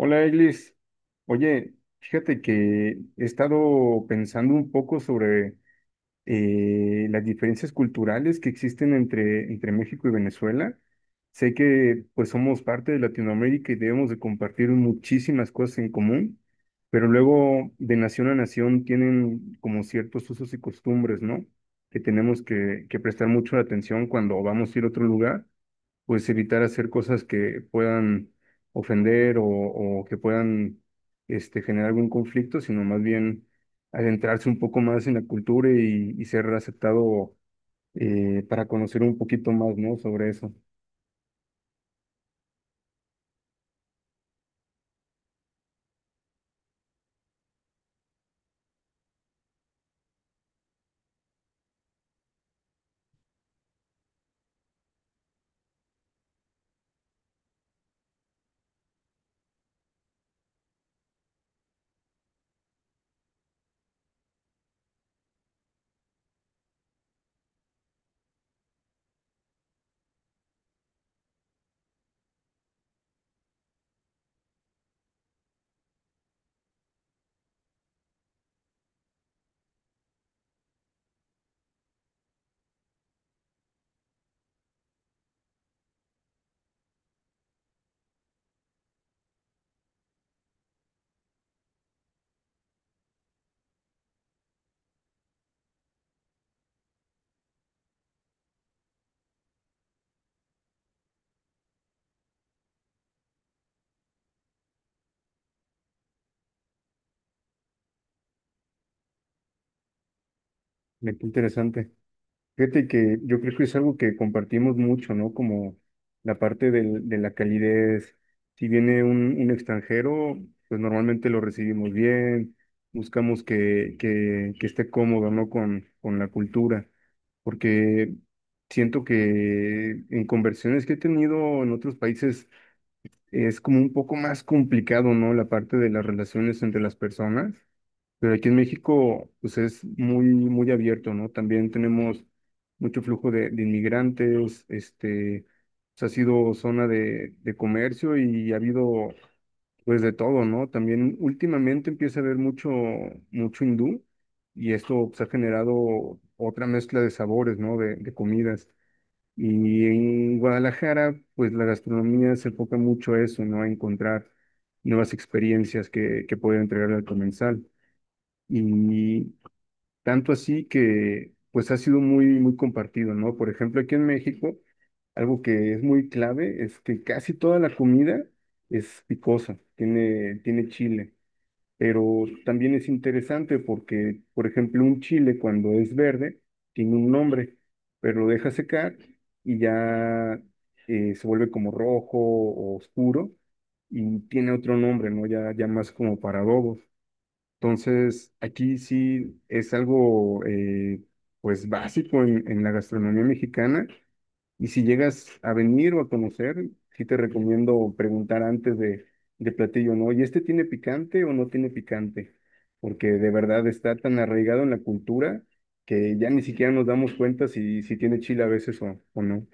Hola, Eglis. Oye, fíjate que he estado pensando un poco sobre las diferencias culturales que existen entre México y Venezuela. Sé que pues somos parte de Latinoamérica y debemos de compartir muchísimas cosas en común, pero luego de nación a nación tienen como ciertos usos y costumbres, ¿no? Que tenemos que prestar mucho atención cuando vamos a ir a otro lugar pues evitar hacer cosas que puedan ofender o que puedan generar algún conflicto, sino más bien adentrarse un poco más en la cultura y ser aceptado para conocer un poquito más, ¿no? Sobre eso. Me qué interesante. Fíjate que yo creo que es algo que compartimos mucho, ¿no? Como la parte de la calidez. Si viene un extranjero, pues normalmente lo recibimos bien, buscamos que esté cómodo, ¿no? Con la cultura, porque siento que en conversiones que he tenido en otros países es como un poco más complicado, ¿no? La parte de las relaciones entre las personas pero aquí en México, pues es muy, muy abierto, ¿no? También tenemos mucho flujo de inmigrantes, pues, ha sido zona de comercio y ha habido, pues, de todo, ¿no? También últimamente empieza a haber mucho, mucho hindú y esto, pues, ha generado otra mezcla de sabores, ¿no? De comidas. Y en Guadalajara, pues, la gastronomía se enfoca mucho a eso, ¿no? A encontrar nuevas experiencias que puede entregar al comensal. Y tanto así que pues ha sido muy, muy compartido, ¿no? Por ejemplo, aquí en México, algo que es muy clave es que casi toda la comida es picosa, tiene chile, pero también es interesante porque, por ejemplo, un chile cuando es verde tiene un nombre, pero lo deja secar y ya se vuelve como rojo o oscuro y tiene otro nombre, ¿no? Ya, ya más como para adobos. Entonces, aquí sí es algo pues básico en la gastronomía mexicana y si llegas a venir o a conocer, sí te recomiendo preguntar antes de platillo, ¿no? ¿Y este tiene picante o no tiene picante? Porque de verdad está tan arraigado en la cultura que ya ni siquiera nos damos cuenta si tiene chile a veces o no.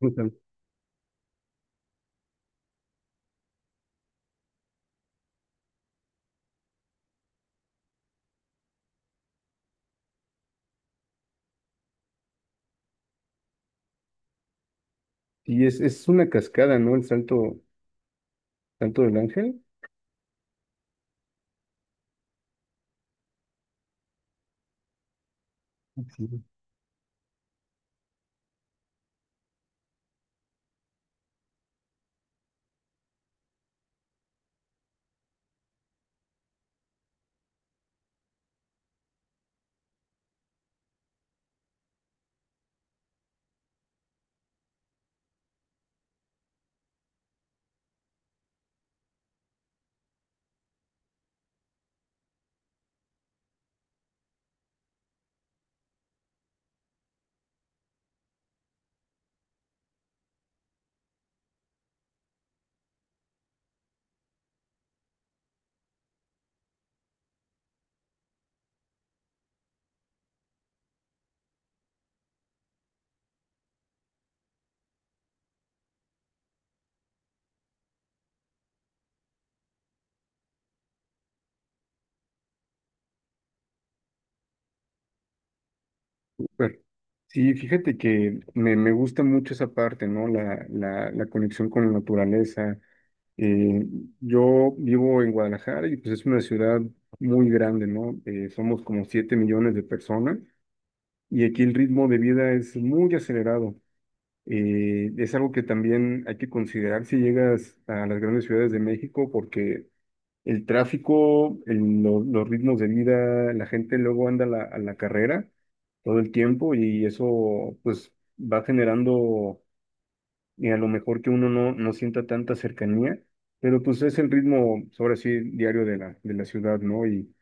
O sea, y es una cascada, ¿no? El Salto del Ángel. Súper. Sí, fíjate que me gusta mucho esa parte, ¿no? La conexión con la naturaleza. Eh, yo vivo en Guadalajara y pues es una ciudad muy grande, ¿no? Somos como 7 millones de personas y aquí el ritmo de vida es muy acelerado. Es algo que también hay que considerar si llegas a las grandes ciudades de México porque el tráfico, los ritmos de vida, la gente luego anda a la carrera todo el tiempo y eso pues va generando a lo mejor que uno no sienta tanta cercanía, pero pues es el ritmo, ahora sí, diario de la ciudad, ¿no? Y,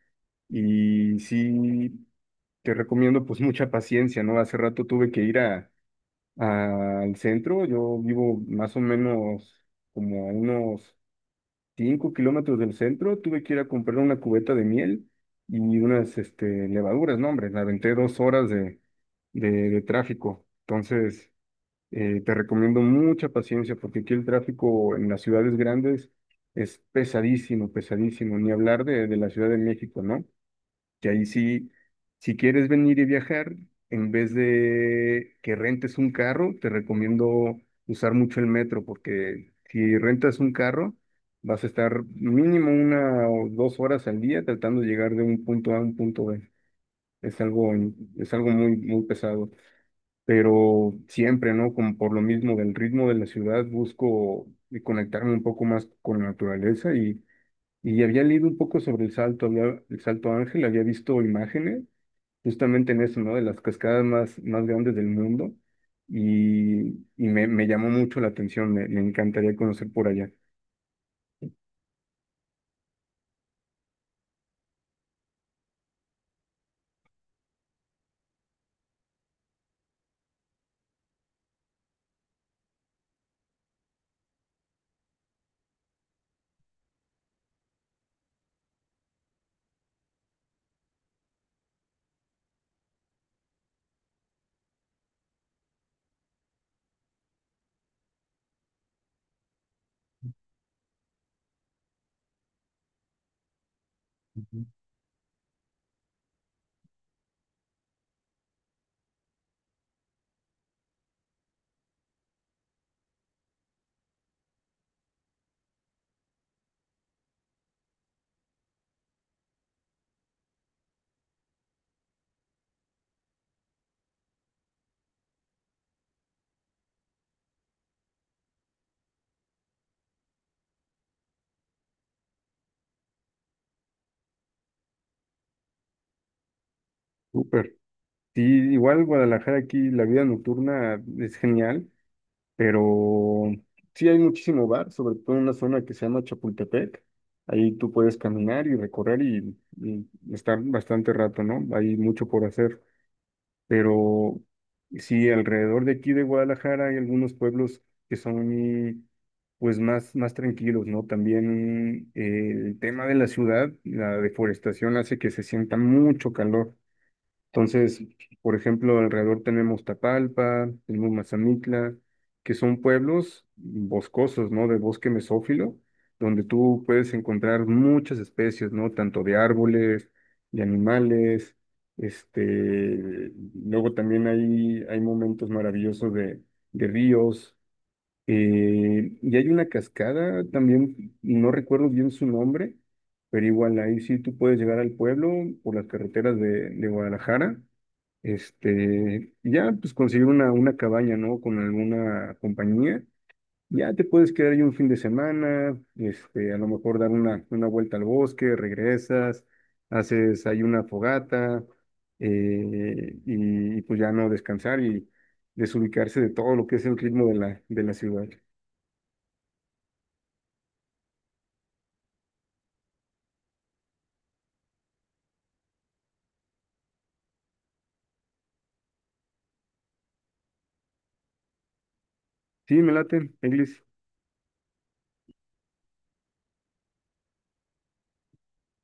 y sí, te recomiendo pues mucha paciencia, ¿no? Hace rato tuve que ir al centro, yo vivo más o menos como a unos 5 kilómetros del centro, tuve que ir a comprar una cubeta de miel y unas levaduras, no, hombre, me aventé 2 horas de tráfico. Entonces, te recomiendo mucha paciencia porque aquí el tráfico en las ciudades grandes es pesadísimo, pesadísimo, ni hablar de la Ciudad de México, ¿no? Que ahí sí, si quieres venir y viajar, en vez de que rentes un carro, te recomiendo usar mucho el metro, porque si rentas un carro, vas a estar mínimo 1 o 2 horas al día tratando de llegar de un punto A a un punto B. Es algo, es algo muy, muy pesado. Pero siempre, ¿no? Como por lo mismo del ritmo de la ciudad, busco y conectarme un poco más con la naturaleza y había leído un poco sobre el Salto, el Salto Ángel, había visto imágenes justamente en eso, ¿no? De las cascadas más, más grandes del mundo. Y me llamó mucho la atención, me encantaría conocer por allá. Ujú. Súper. Sí, igual Guadalajara aquí, la vida nocturna es genial, pero sí hay muchísimo bar, sobre todo en una zona que se llama Chapultepec. Ahí tú puedes caminar y recorrer y estar bastante rato, ¿no? Hay mucho por hacer. Pero sí, alrededor de aquí de Guadalajara hay algunos pueblos que son y, pues más, más tranquilos, ¿no? También el tema de la ciudad, la deforestación hace que se sienta mucho calor. Entonces, por ejemplo, alrededor tenemos Tapalpa, tenemos Mazamitla, que son pueblos boscosos, ¿no? De bosque mesófilo, donde tú puedes encontrar muchas especies, ¿no? Tanto de árboles, de animales, este, luego también hay momentos maravillosos de ríos, y hay una cascada también, no recuerdo bien su nombre, pero igual ahí sí tú puedes llegar al pueblo por las carreteras de Guadalajara. Y ya pues conseguir una cabaña, ¿no? Con alguna compañía. Ya te puedes quedar ahí un fin de semana, a lo mejor dar una vuelta al bosque, regresas, haces ahí una fogata, y pues ya no descansar y desubicarse de todo lo que es el ritmo de la ciudad. Sí, me late, Eglis.